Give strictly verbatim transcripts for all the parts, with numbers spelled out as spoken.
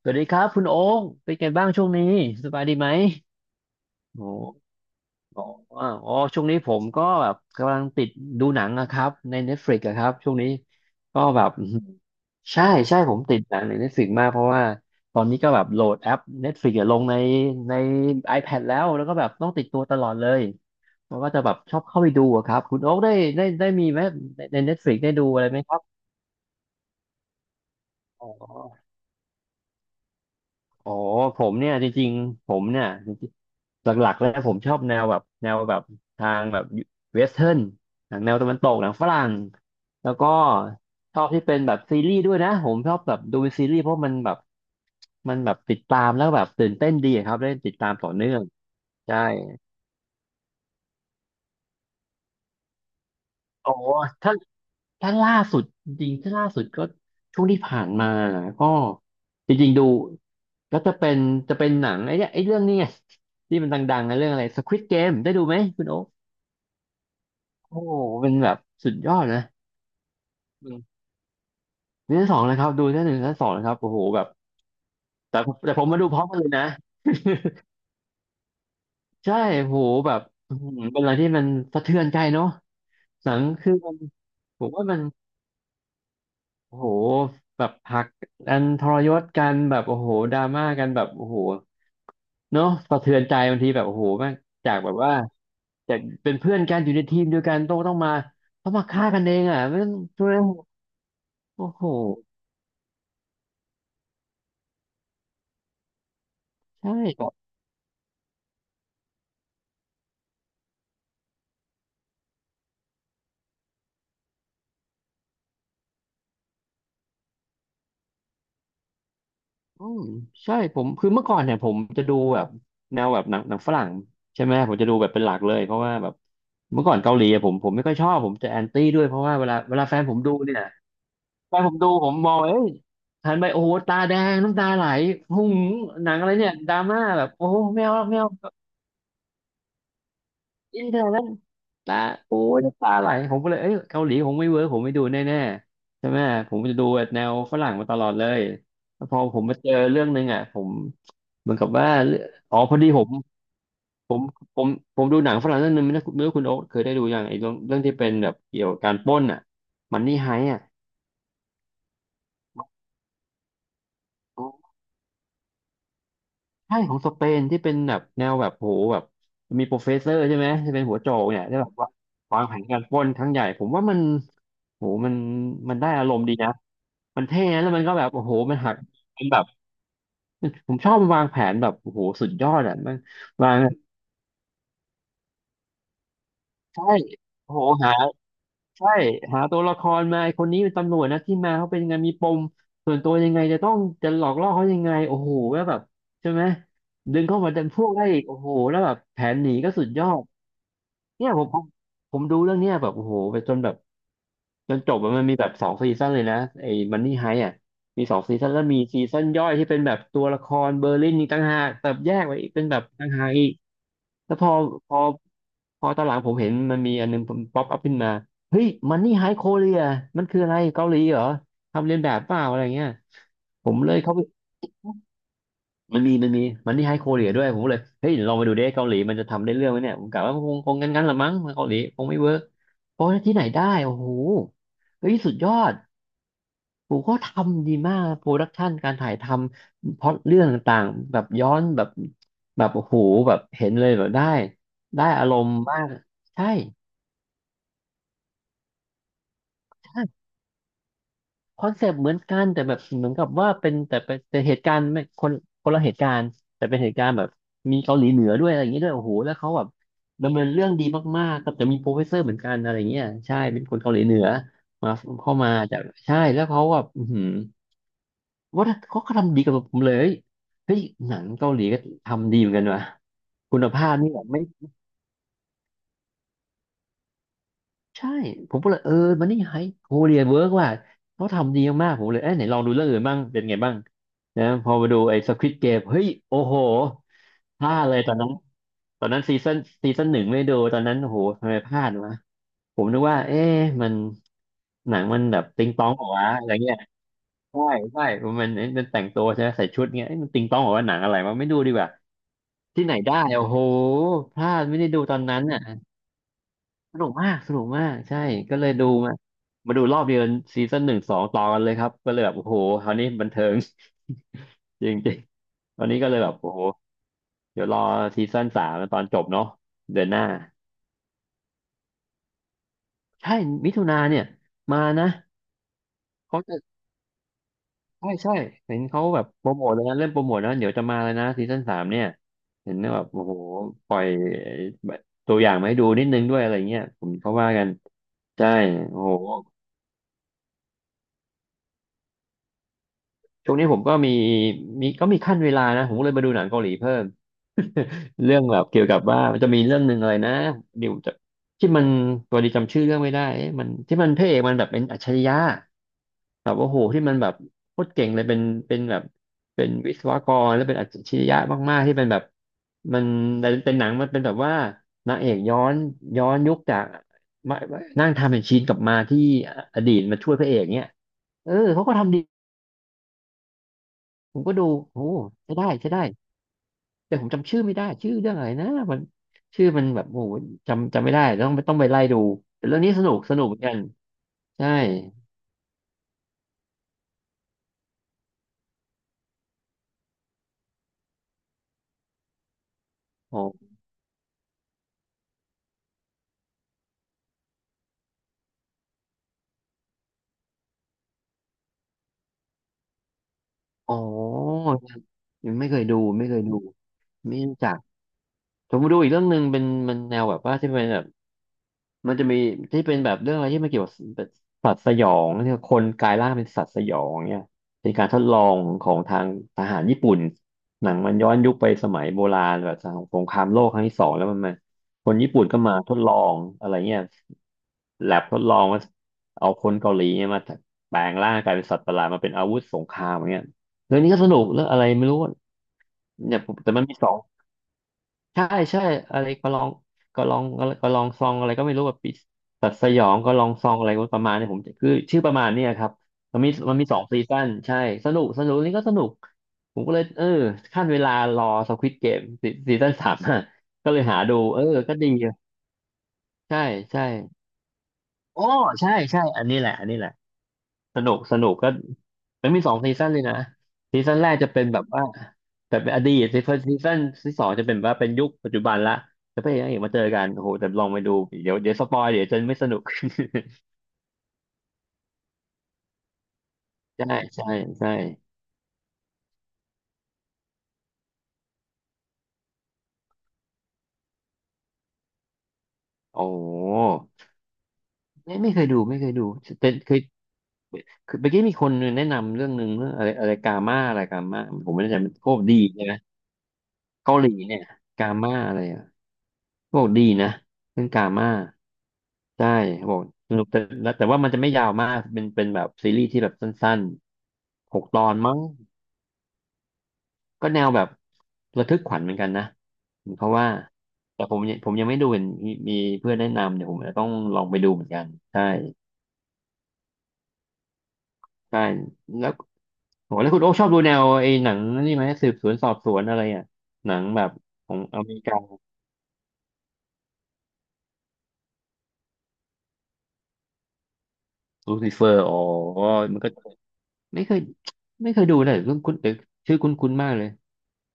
สวัสดีครับคุณโอ๊คเป็นไงบ้างช่วงนี้สบายดีไหมโอ้โออ๋ออ๋อช่วงนี้ผมก็แบบกำลังติดดูหนังนะครับใน Netflix อะครับช่วงนี้ก็แบบอื้อหือใช่ใช่ผมติดหนังใน Netflix มากเพราะว่าตอนนี้ก็แบบโหลดแอป Netflix อะลงในใน iPad แล้วแล้วก็แบบต้องติดตัวตลอดเลยมันก็จะแบบชอบเข้าไปดูอะครับคุณโอ๊คได้ได้ได้มีไหมในใน Netflix ได้ดูอะไรไหมครับอ๋อ อ๋อผมเนี่ยจริงๆผมเนี่ยจริงๆหลักๆแล้วผมชอบแนวแบบแนวแบบทางแบบเวสเทิร์นหนังแนวตะวันตกหนังฝรั่งแล้วก็ชอบที่เป็นแบบซีรีส์ด้วยนะผมชอบแบบดูเป็นซีรีส์เพราะมันแบบมันแบบติดตามแล้วแบบตื่นเต้นดีอะครับได้ติดตามต่อเนื่องใช่โอ้ถ้า ถ้าล่าสุดจริงๆถ้าล่าสุดก็ช่วงที่ผ่านมาก็จริงๆดูก็จะเป็นจะเป็นหนังไอ้เนี่ยไอ้เรื่องนี้ไงที่มันดังๆนะเรื่องอะไร Squid Game ได้ดูไหมคุณโอ๊คโอ้โหเป็นแบบสุดยอดนะอืมซีซั่นสองนะครับดูซีซั่นหนึ่งซีซั่นสองนะครับโอ้โหแบบแต่แต่ผมมาดูพร้อมกันเลยนะ ใช่โอ้โหแบบอื้อหือเป็นอะไรที่มันสะเทือนใจเนาะหนังคือมันผมว่ามัน โอ้โหแบบหักอันทรยศกันแบบโอ้โหดราม่ากันแบบโอ้โหเนาะสะเทือนใจบางทีแบบโอ้โหแม่งจากแบบว่าจากเป็นเพื่อนกันอยู่ในทีมเดียวกันต้องต้องมาต้องมาฆ่ากันเองอ่ะมันช่วยโอ้โหใช่แบบอืมใช่ผมคือเมื่อก่อนเนี่ยผมจะดูแบบแนวแบบหนังหนังฝรั่งใช่ไหมผมจะดูแบบเป็นหลักเลยเพราะว่าแบบเมื่อก่อนเกาหลีอะผมผมไม่ค่อยชอบผมจะแอนตี้ด้วยเพราะว่าเวลาเวลาแฟนผมดูเนี่ย ตอนผมดูผมมองเอ้ยหันไปโอ้โหตาแดงน้ำตาไหลหุ้งหนังอะไรเนี่ยดราม่าแบบโอ้โหไม่เอาไม่เอาอินเทอร์แล้วตาโอ้ยน้ำตาไหลผมก็เลยเอ้ยเกาหลีผมไม่เวิร์กผมไม่ดูแน่ๆใช่ไหมผมจะดูแบบแนวฝรั่งมาตลอดเลยแล้วพอผมมาเจอเรื่องนึงอ่ะผมเหมือนกับว่าเรื่องอ๋อพอดีผมผมผมผมดูหนังฝรั่งเรื่องนึงไม่รู้ไม่รู้คุณโอ๊คเคยได้ดูยังไอ้เรื่องเรื่องที่เป็นแบบเกี่ยวกับการปล้นอ่ะมันนี่ไฮอ่ะ ใช่ของสเปนที่เป็นแบบแนวแบบโหแบบมีโปรเฟสเซอร์ใช่ไหมที่เป็นหัวโจกเนี่ยที่แบบว่าวางแผนการปล้นครั้งใหญ่ผมว่ามันโหมันมันได้อารมณ์ดีนะมันเท่นะแล้วมันก็แบบโอ้โหมันหักมันแบบผมชอบมันวางแผนแบบโอ้โหสุดยอดอ่ะมันวางใช่โอ้โหหาใช่หาตัวละครมาไอ้คนนี้เป็นตำรวจนะที่มาเขาเป็นยังไงมีปมส่วนตัวยังไงจะต้องจะหลอกล่อเขายังไงโอ้โหแล้วแบบใช่ไหมดึงเข้ามาดันพวกได้อีกโอ้โหแล้วแบบแผนหนีก็สุดยอด เนี่ยผมผมผมดูเรื่องเนี้ยแบบโอ้โหไปจนแบบจนจบอะมันมีแบบสองซีซั่นเลยนะไอ้มันนี่ไฮอ่ะมีสองซีซั่นแล้วมีซีซั่นย่อยที่เป็นแบบตัวละครเบอร์ลินนี่ต่างหากแบบแยกไว้อีกเป็นแบบต่างหากอีกแล้วพอพอพอตอนหลังผมเห็นมันมีอันนึงป๊อปอัพขึ้นมาเฮ้ยมันนี่ไฮโคเรียมันคืออะไรเกาหลีเหรอทำเลียนแบบเปล่าอะไรเงี้ยผมเลยเข้าไป มันมีมันมีมันที่ให้โคเรียด้วยผมก็เลยเฮ้ยลองไปดูดิเกาหลีมันจะทำได้เรื่องไหมเนี่ยผมกะว่าคงคงงั้นงั้นละมั้งเกาหลีคงไม่เวิร์กเพราะที่ไหนได้โอ้โหเฮ้ยสุดยอดผมก็ทำดีมากโปรดักชันการถ่ายทำพล็อตเรื่องต่างๆแบบย้อนแบบแบบโอ้โหแบบเห็นเลยแบบได้ได้อารมณ์มากใช่ใช่ คอนเซปต์เหมือนกันแต่แบบเหมือนกับว่าเป็นแต่เป็นแต่เหตุการณ์ไม่คนคนละเหตุการณ์แต่เป็นเหตุการณ์แบบมีเกาหลีเหนือด้วยอะไรอย่างเงี้ยด้วยโอ้โหแล้วเขาแบบดำเนินเรื่องดีมากๆกับจะมีโปรเฟสเซอร์เหมือนกันอะไรเงี้ยใช่เป็นคนเกาหลีเหนือมาเข้ามาจากใช่แล้วเขาแบบอือหือว่าเขาก็ทำดีกับผมเลยเฮ้ยหนังเกาหลีก็ทำดีเหมือนกันว่ะคุณภาพนี่แบบไม่ ใช่ผมก็เลยเออมันนี่ไฮโคเรียนเวิร์กว่ะเขาทำดีมากผมเลยเอ้ยไหนลองดูเรื่องอื่นบ้างเป็นไงบ้างนะพอมาดูไอ้สควิดเกมเฮ้ยโอ้โหพลาดเลยตอนนั้นตอนนั้นซีซั่นซีซั่นหนึ่งไม่ดูตอนนั้นโอ้โหทำไมพลาดวะผมนึกว่าเอ๊ะมันหนังมันแบบติงตองเหรอวะอะไรเงี้ยใช่ใช่มันมันแต่งตัวใช่ไหมใส่ชุดเงี้ยเอ๊ะมันติงตองเหรอวะหนังอะไรวะไม่ดูดีกว่าที่ไหนได้โอ้โหพลาดไม่ได้ดูตอนนั้นอ่ะ สนุกมาก สนุกมาก ใช่ก็เลยดูมา มาดูรอบเดียวซีซั่นหนึ่งสองต่อกันเลยครับ ก็เลยแบบโอ้โหคราวนี้บันเทิง จริงจริงตอนนี้ก็เลยแบบโอ้โหเดี๋ยวรอซีซั่นสามตอนจบเนาะเดือนหน้าใช่มิถุนาเนี่ยมานะเขาจะใช่ใช่เห็นเขาแบบโปรโมทเลยนะเริ่มโปรโมทแล้วเดี๋ยวจะมาเลยนะซีซั่นสามเนี่ยเห็นแบบโอ้โหปล่อยตัวอย่างมาให้ดูนิดนึงด้วยอะไรเงี้ยผมเขาว่ากันใช่โอ้โห ช่วงนี้ผมก็มีมีก็มีขั้นเวลานะผมก็เลยมาดูหนังเกาหลีเพิ่มเรื่องแบบเกี่ยวกับว่ามันจะมีเรื่องหนึ่งอะไรนะเดี๋ยวจะที่มันตัวดีจำชื่อเรื่องไม่ได้เอ๊ะมันที่มันพระเอกมันแบบเป็นอัจฉริยะแบบโอ้โหที่มันแบบโคตรเก่งเลยเป็นเป็นแบบเป็นวิศวกรแล้วเป็นอัจฉริยะมากๆที่เป็นแบบมันเป็นหนังมันเป็นแบบว่านางเอกย้อนย้อนยุคจากมานั่งทำเป็นชีนกลับมาที่อดีตมาช่วยพระเอกเนี่ยเออเขาก็ทำดีผมก็ดูโอ้ใช้ได้ใช้ได้ แต่ผมจำชื่อไม่ได้ชื่อเรื่องอะไรนะมันชื่อมันแบบโอ้โหจำจำไม่ได้ต้องไปต้องไปไล่ดูแต่เรื่องนี้สนุกสนุกเหมือนกันใช่โอ้อ๋อยังไม่เคยดูไม่เคยดูไม่รู้จักผมมาดูอีกเรื่องหนึ่งเป็นมันแนวแบบว่าที่เป็นแบบ มันจะมีที่เป็นแบบเรื่องอะไรที่มันเกี่ยวกับแบบสัตว์สยองที่คนกลายร่างเป็นสัตว์สยองเนี่ยเป็นการทดลองของทางทหารญี่ปุ่นหนังมันย้อนยุคไปสมัยโบราณแบบสงครามโลกครั้งที่สองแล้วมันมาคนญี่ปุ่นก็มาทดลองอะไรเงี้ยแลบทดลองว่าเอาคนเกาหลีเนี่ยมาแปลงร่างกลายเป็นสัตว์ประหลาดมาเป็นอาวุธสงครามอย่างเงี้ยเรื่องนี้ก็สนุกเรื่องอะไรไม่รู้เนี่ยผมแต่มันมีสอง ใช่ใช่อะไรก็ลองก็ลองก็ลองซองอะไรก็ไม่รู้แบบปิดสัตว์สยองก็ลองซองอะไรประมาณเนี้ผมคือชื่อประมาณเนี้ยครับมันมีมันมีสองซีซั่นใช่สนุกสนุกนี่ก็สนุกผมก็เลยเออขั้นเวลารอสควิดเกมซีซั่นสาม ก็เลยหาดูเออก็ดีใช่ใช่โอ้ใช่ใช่อันนี้แหละอันนี้แหละ สนุกสนุกก็มันมีสองซีซันเลยนะซีซันแรกจะเป็นแบบว่าแต่เป็นอดีตซีซันซีซันที่สองจะเป็นแบบว่าเป็นยุคปัจจุบันละจะไปเอกนางเอกมาเจอกันโอ้โหแต่ลองไปดูเดี๋ยวเดี๋ยวสปอยเดี๋ยวจะไม่สนุก ใช่ใช่ใช่โอ้ไม่ไม่เคยดูไม่เคยดูแต่เคยคือเมื่อกี้มีคนแนะนำเรื่องหนึ่งเรื่องอะไรอะไรกาม่าอะไรกาม่าผมไม่แน่ใจมันโคตรดีใช่ไหมเกาหลีเนี่ยกาม่าอะไร บอกดีนะเรื่องกาม่าใช่บอกสนุกแต่แต่ว่ามันจะไม่ยาวมากเป็นเป็นแบบซีรีส์ที่แบบสั้นๆหกตอนมั้งก็แนวแบบระทึกขวัญเหมือนกันนะเพราะว่าแต่ผมยังผมยังไม่ดูเห็นมีมีเพื่อนแนะนำเดี๋ยวผมจะต้องลองไปดูเหมือนกันใช่ใช่แล้วโหแล้วคุณโอ๊คชอบดูแนวไอ้หนังนี่ไหมสืบสวนสอบสวนอะไรอ่ะหนังแบบของอเมริกาลูซิเฟอร์อ๋อมันก็ไม่เคยไม่เคยดูเลยคุณคุณเออชื่อคุ้นๆมากเลย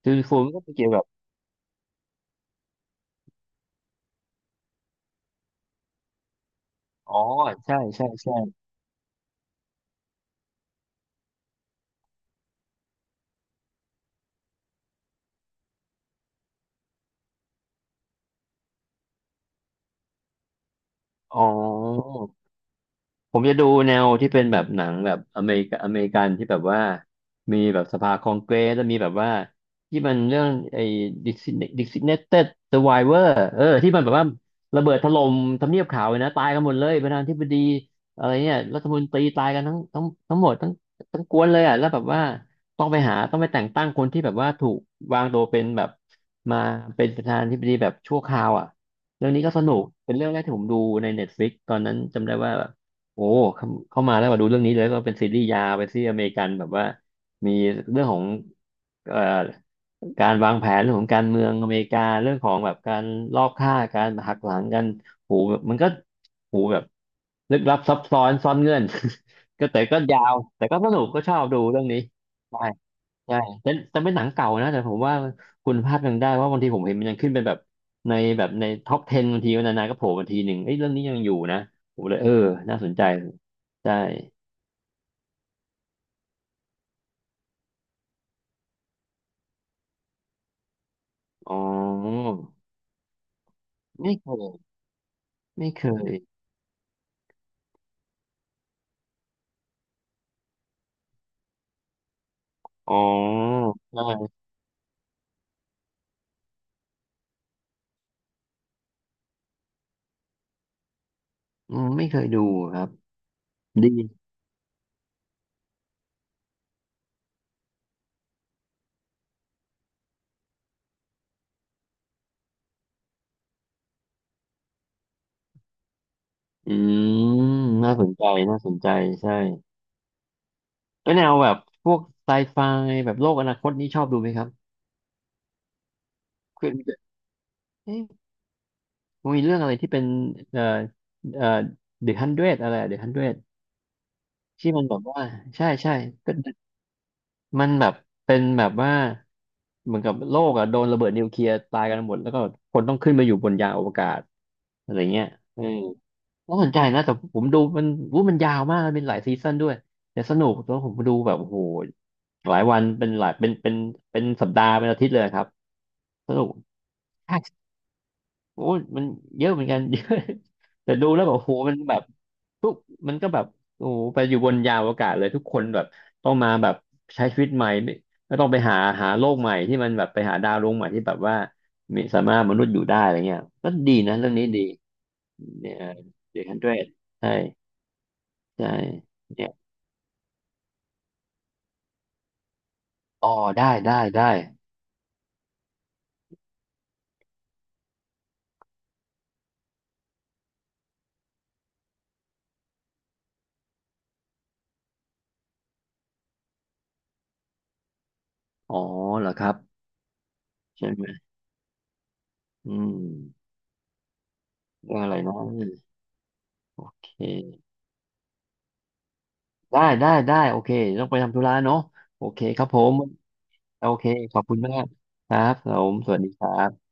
คือโคมก็เป็นเกี่ยวกับอ๋อใช่ใช่ใช่อ๋อ ผมจะดูแนวที่เป็นแบบหนังแบบอเมริกาอเมริกันที่แบบว่ามีแบบสภาคองเกรสแล้วมีแบบว่าที่มันเรื่องไอ้ดิสิดิสิเนเต็ดเซอร์ไวเวอร์เออที่มันแบบว่าระเบิดถล่มทำเนียบขาวเลยนะตายกันหมดเลยประธานาธิบดีอะไรเนี่ยรัฐมนตรีตายกันทั้งทั้งทั้งหมดทั้งทั้งกวนเลยอ่ะแล้วแบบว่าต้องไปหาต้องไปแต่งตั้งคนที่แบบว่าถูกวางตัวเป็นแบบมาเป็นประธานาธิบดีแบบชั่วคราวอ่ะเรื่องนี้ก็สนุกเป็นเรื่องแรกที่ผมดูใน Netflix ตอนนั้นจำได้ว่า โอ้เข้าเข้ามาแล้วมาดูเรื่องนี้เลยก็เป็นซีรีส์ยาวเป็นซีรีส์อเมริกันแบบว่ามีเรื่องของเอ่อการวางแผนเรื่องของการเมืองอเมริกาเรื่องของแบบการลอบฆ่าการหักหลังกันโหแบบมันก็โหแบบลึกลับซับซ้อนซ่อนเงื่อน ก็แต่ก็ยาวแต่ก็สนุกก็ชอบดูเรื่องนี้ ใช่แต่แต่เป็นหนังเก่านะแต่ผมว่าคุณภาพยังได้เพราะบางทีผมเห็นมันยังขึ้นเป็นแบบในแบบในท็อปสิบบบางทีันนานๆก็โผล่มาทีหนึ่งเอ้ยเรื่องนี้ยังอยู่นะผมเลยเออน่าสนใจใช่อ๋อไม่เคยไม่เคยอ๋อใช่อืมไม่เคยดูครับดีอืมน่าสนใจน่าสนใจใช่แล้วแนวแบบพวกไซไฟแบบโลกอนาคตนี้ชอบดูไหมครับคือเอ๊ะ มันมีเรื่องอะไรที่เป็นเอ่อเอ่อเดอะฮันเดรดอะไรเดอะฮันเดรดที่มันแบบว่าใช่ใช่ก็มันแบบเป็นแบบว่าเหมือนกับโลกอะโดนระเบิดนิวเคลียร์ตายกันหมดแล้วก็คนต้องขึ้นมาอยู่บนยานอวกาศอะไรเงี้ยเออน่าสนใจนะแต่ผมดูมันวู้มันยาวมากมันเป็นหลายซีซั่นด้วยแต่สนุกแล้วผมดูแบบโอ้โหหลายวันเป็นหลายเป็นเป็นเป็นสัปดาห์เป็นอาทิตย์เลยครับสนุก โอ้ยมันเยอะเหมือนกัน เยอะแต่ดูแล้วแบบโอ้โหมันแบบทุกมันก็แบบโอ้โหไปอยู่บนยานอวกาศเลยทุกคนแบบต้องมาแบบใช้ชีวิตใหม่ไม่ไม่ต้องไปหาหาโลกใหม่ที่มันแบบไปหาดาวดวงใหม่ที่แบบว่ามีสามารถมนุษย์อยู่ได้อะไรเงี้ยก็ดีนะเรื่องนี้ดีเนี่ยเด็กฮันเดรดใช่ใช่เนี่ยอ๋อได้ได้ได้อ๋อเหรอครับใช่ไหมอืมเรื่องอะไรนะโอเค ได้ได้ได้โอเคต้องไปทำธุระเนาะโอเคครับผมโอเคขอบคุณมากครับผมสวัสดีครับ